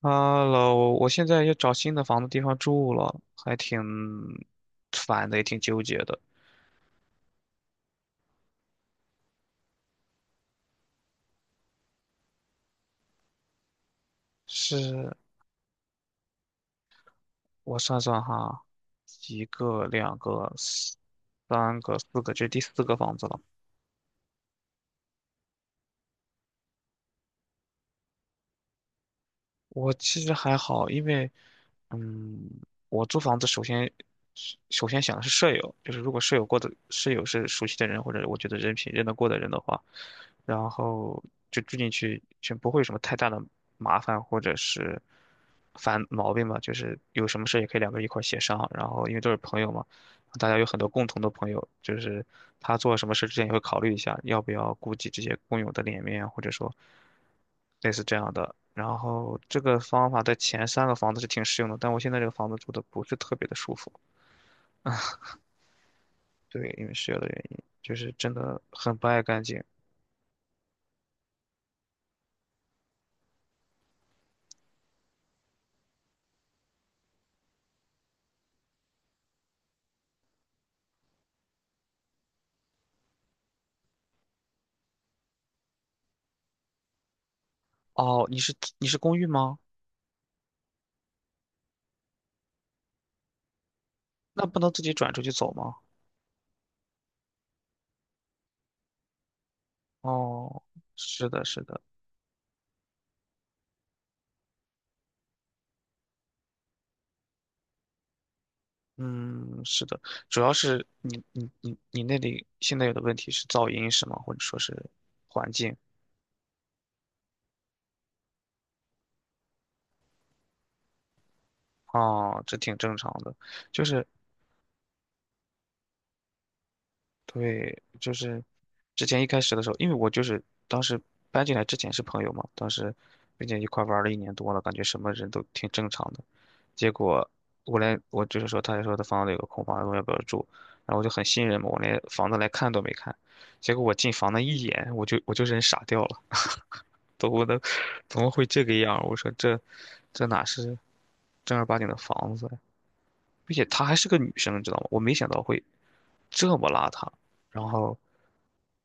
h e 我现在要找新的房子地方住了，还挺烦的，也挺纠结的。是，我算算哈，一个、两个、三个、四个，这是第四个房子了。我其实还好，因为，嗯，我租房子首先想的是舍友，就是如果舍友过的舍友是熟悉的人，或者我觉得人品认得过的人的话，然后就住进去就不会有什么太大的麻烦或者是烦毛病嘛，就是有什么事也可以两个人一块儿协商，然后因为都是朋友嘛，大家有很多共同的朋友，就是他做什么事之前也会考虑一下，要不要顾及这些工友的脸面，或者说类似这样的。然后这个方法在前三个房子是挺适用的，但我现在这个房子住的不是特别的舒服，对，因为室友的原因，就是真的很不爱干净。哦，你是公寓吗？那不能自己转出去走吗？哦，是的，是的，嗯，是的，主要是你那里现在有的问题是噪音是吗？或者说是环境？哦，这挺正常的，就是对，就是之前一开始的时候，因为我就是当时搬进来之前是朋友嘛，当时并且一块儿玩了1年多了，感觉什么人都挺正常的。结果我就是说，他就说他房子有个空房，问我要不要住，然后我就很信任嘛，我连房子来看都没看。结果我进房那一眼，我就人傻掉了，我都怎么会这个样儿，我说这哪是正儿八经的房子？并且她还是个女生，你知道吗？我没想到会这么邋遢，然后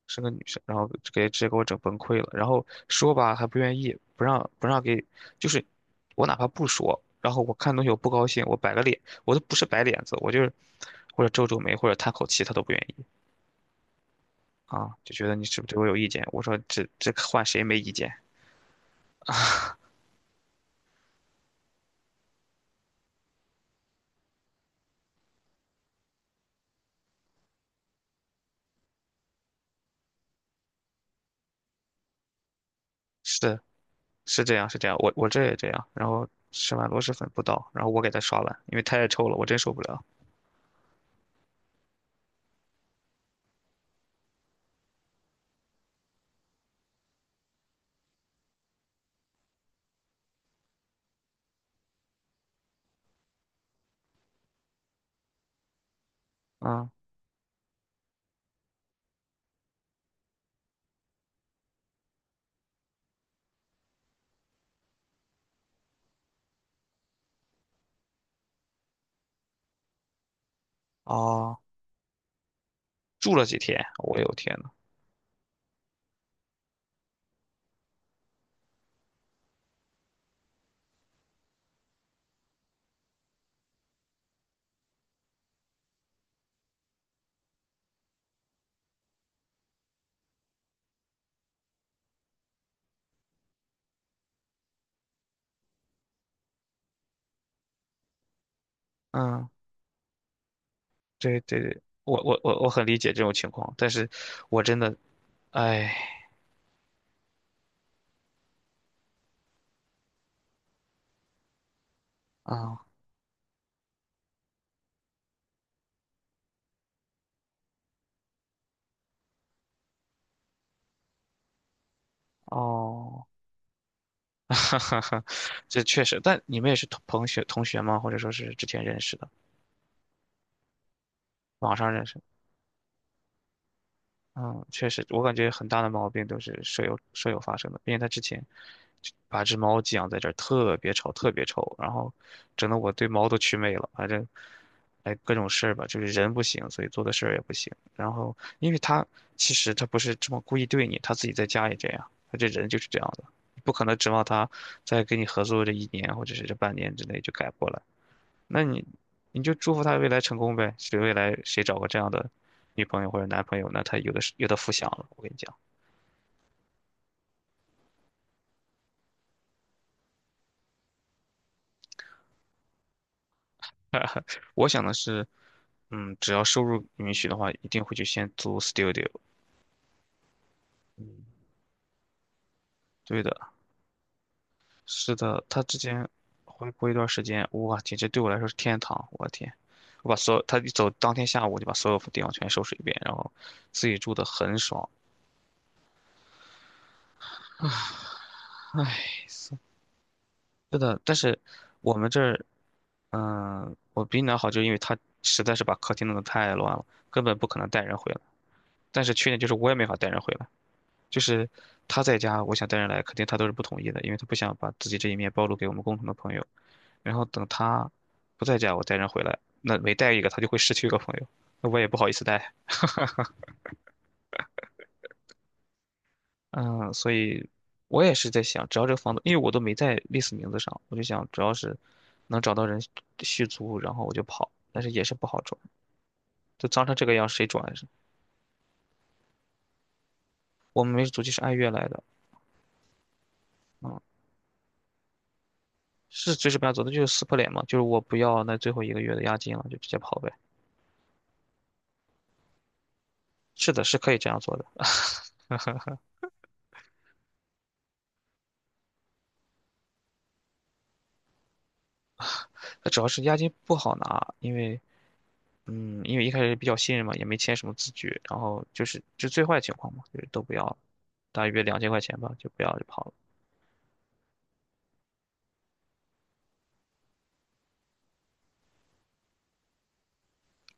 是个女生，然后给直接给我整崩溃了。然后说吧，还不愿意，不让给，就是我哪怕不说，然后我看东西我不高兴，我摆个脸，我都不是摆脸子，我就是或者皱皱眉或者叹口气，她都不愿意啊，就觉得你是不是对我有意见？我说这换谁没意见？是是，是这样，我这也这样，然后吃完螺蛳粉不倒，然后我给她刷碗，因为太臭了，我真受不了啊。哦，住了几天，我有天呐，嗯，对对对，我很理解这种情况，但是我真的，哎，啊，哦，哈哈哈，这确实，但你们也是同学吗？或者说是之前认识的，网上认识的。嗯，确实，我感觉很大的毛病都是舍友发生的，并且他之前就把只猫寄养在这儿，特别吵，特别臭，然后整得我对猫都祛魅了。反正，哎，各种事儿吧，就是人不行，所以做的事儿也不行。然后，因为他其实他不是这么故意对你，他自己在家也这样，他这人就是这样的，不可能指望他在跟你合作这一年或者是这半年之内就改过来。那你就祝福他未来成功呗，谁未来谁找个这样的女朋友或者男朋友，那他有的是有的福享了。我跟你讲，我想的是，嗯，只要收入允许的话，一定会去先租 studio。对的，是的，他之前回国一段时间，哇，简直对我来说是天堂。我的天，我把所有他一走，当天下午我就把所有地方全收拾一遍，然后自己住的很爽。唉，是的，但是我们这儿，我比你那好，就因为他实在是把客厅弄得太乱了，根本不可能带人回来。但是缺点就是我也没法带人回来，就是他在家，我想带人来，肯定他都是不同意的，因为他不想把自己这一面暴露给我们共同的朋友。然后等他不在家，我带人回来，那每带一个，他就会失去一个朋友，那我也不好意思带。嗯，所以我也是在想，只要这个房子，因为我都没在历史名字上，我就想，只要是能找到人续租，然后我就跑，但是也是不好转，就脏成这个样，谁转呀。我们没租期，是按月来的，嗯，是随时不要走，那就是撕破脸嘛，就是我不要那最后1个月的押金了，就直接跑呗。是的，是可以这样做的。主要是押金不好拿，因为嗯，因为一开始比较信任嘛，也没签什么字据，然后就是就最坏情况嘛，就是都不要了，大约2000块钱吧，就不要就跑了。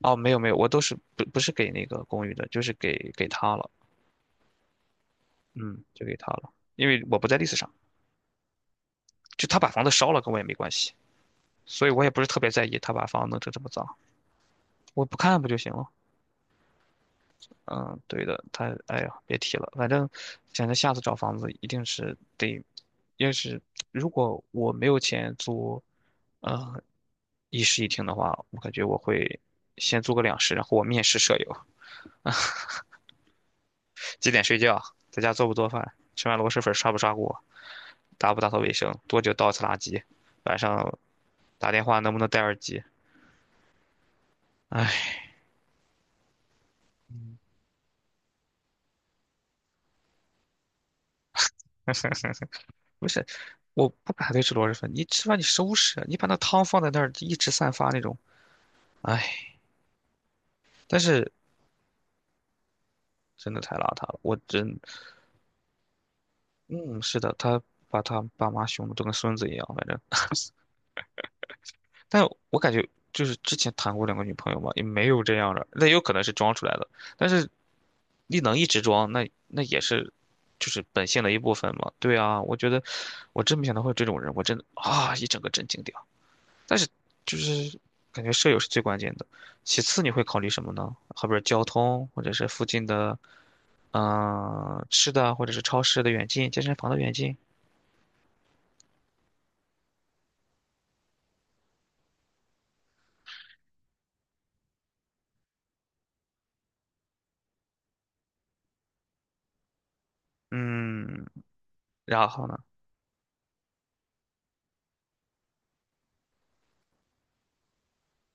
哦，没有没有，我都是不是给那个公寓的，就是给他了，嗯，就给他了，因为我不在 list 上，就他把房子烧了跟我也没关系，所以我也不是特别在意他把房子弄成这么脏，我不看不就行了？嗯，对的，他哎呀，别提了，反正想着下次找房子一定是得，要是如果我没有钱租，呃，一室一厅的话，我感觉我会先租个两室，然后我面试舍友。几点睡觉，在家做不做饭，吃完螺蛳粉刷不刷锅，打不打扫卫生，多久倒一次垃圾，晚上打电话能不能戴耳机？哎，不是，我不反对吃螺蛳粉，你吃完你收拾啊，你把那汤放在那儿一直散发那种，哎，但是真的太邋遢了，我真，嗯，是的，他把他爸妈凶的都跟孙子一样，反正但我感觉就是之前谈过两个女朋友嘛，也没有这样的，那有可能是装出来的。但是你能一直装，那也是就是本性的一部分嘛。对啊，我觉得我真没想到会有这种人，我真的啊一整个震惊掉。但是就是感觉舍友是最关键的，其次你会考虑什么呢？后边交通，或者是附近的嗯、吃的，或者是超市的远近，健身房的远近，嗯，然后呢？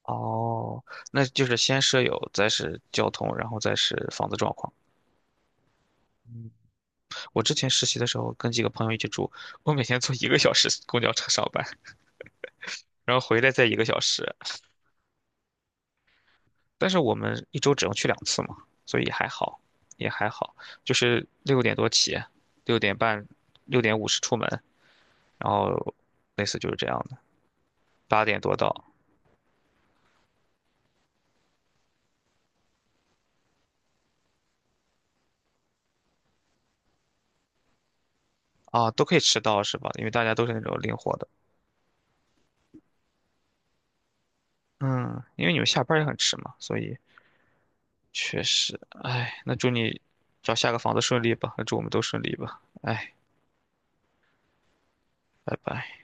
哦，那就是先舍友，再是交通，然后再是房子状况。嗯，我之前实习的时候跟几个朋友一起住，我每天坐1个小时公交车上班，然后回来再一个小时。但是我们一周只能去2次嘛，所以还好，也还好。就是6点多起，6:30、6:50出门，然后类似就是这样的，8点多到。啊，都可以迟到是吧？因为大家都是那种灵活的。嗯，因为你们下班也很迟嘛，所以确实，哎，那祝你找下个房子顺利吧，那祝我们都顺利吧，哎，拜拜。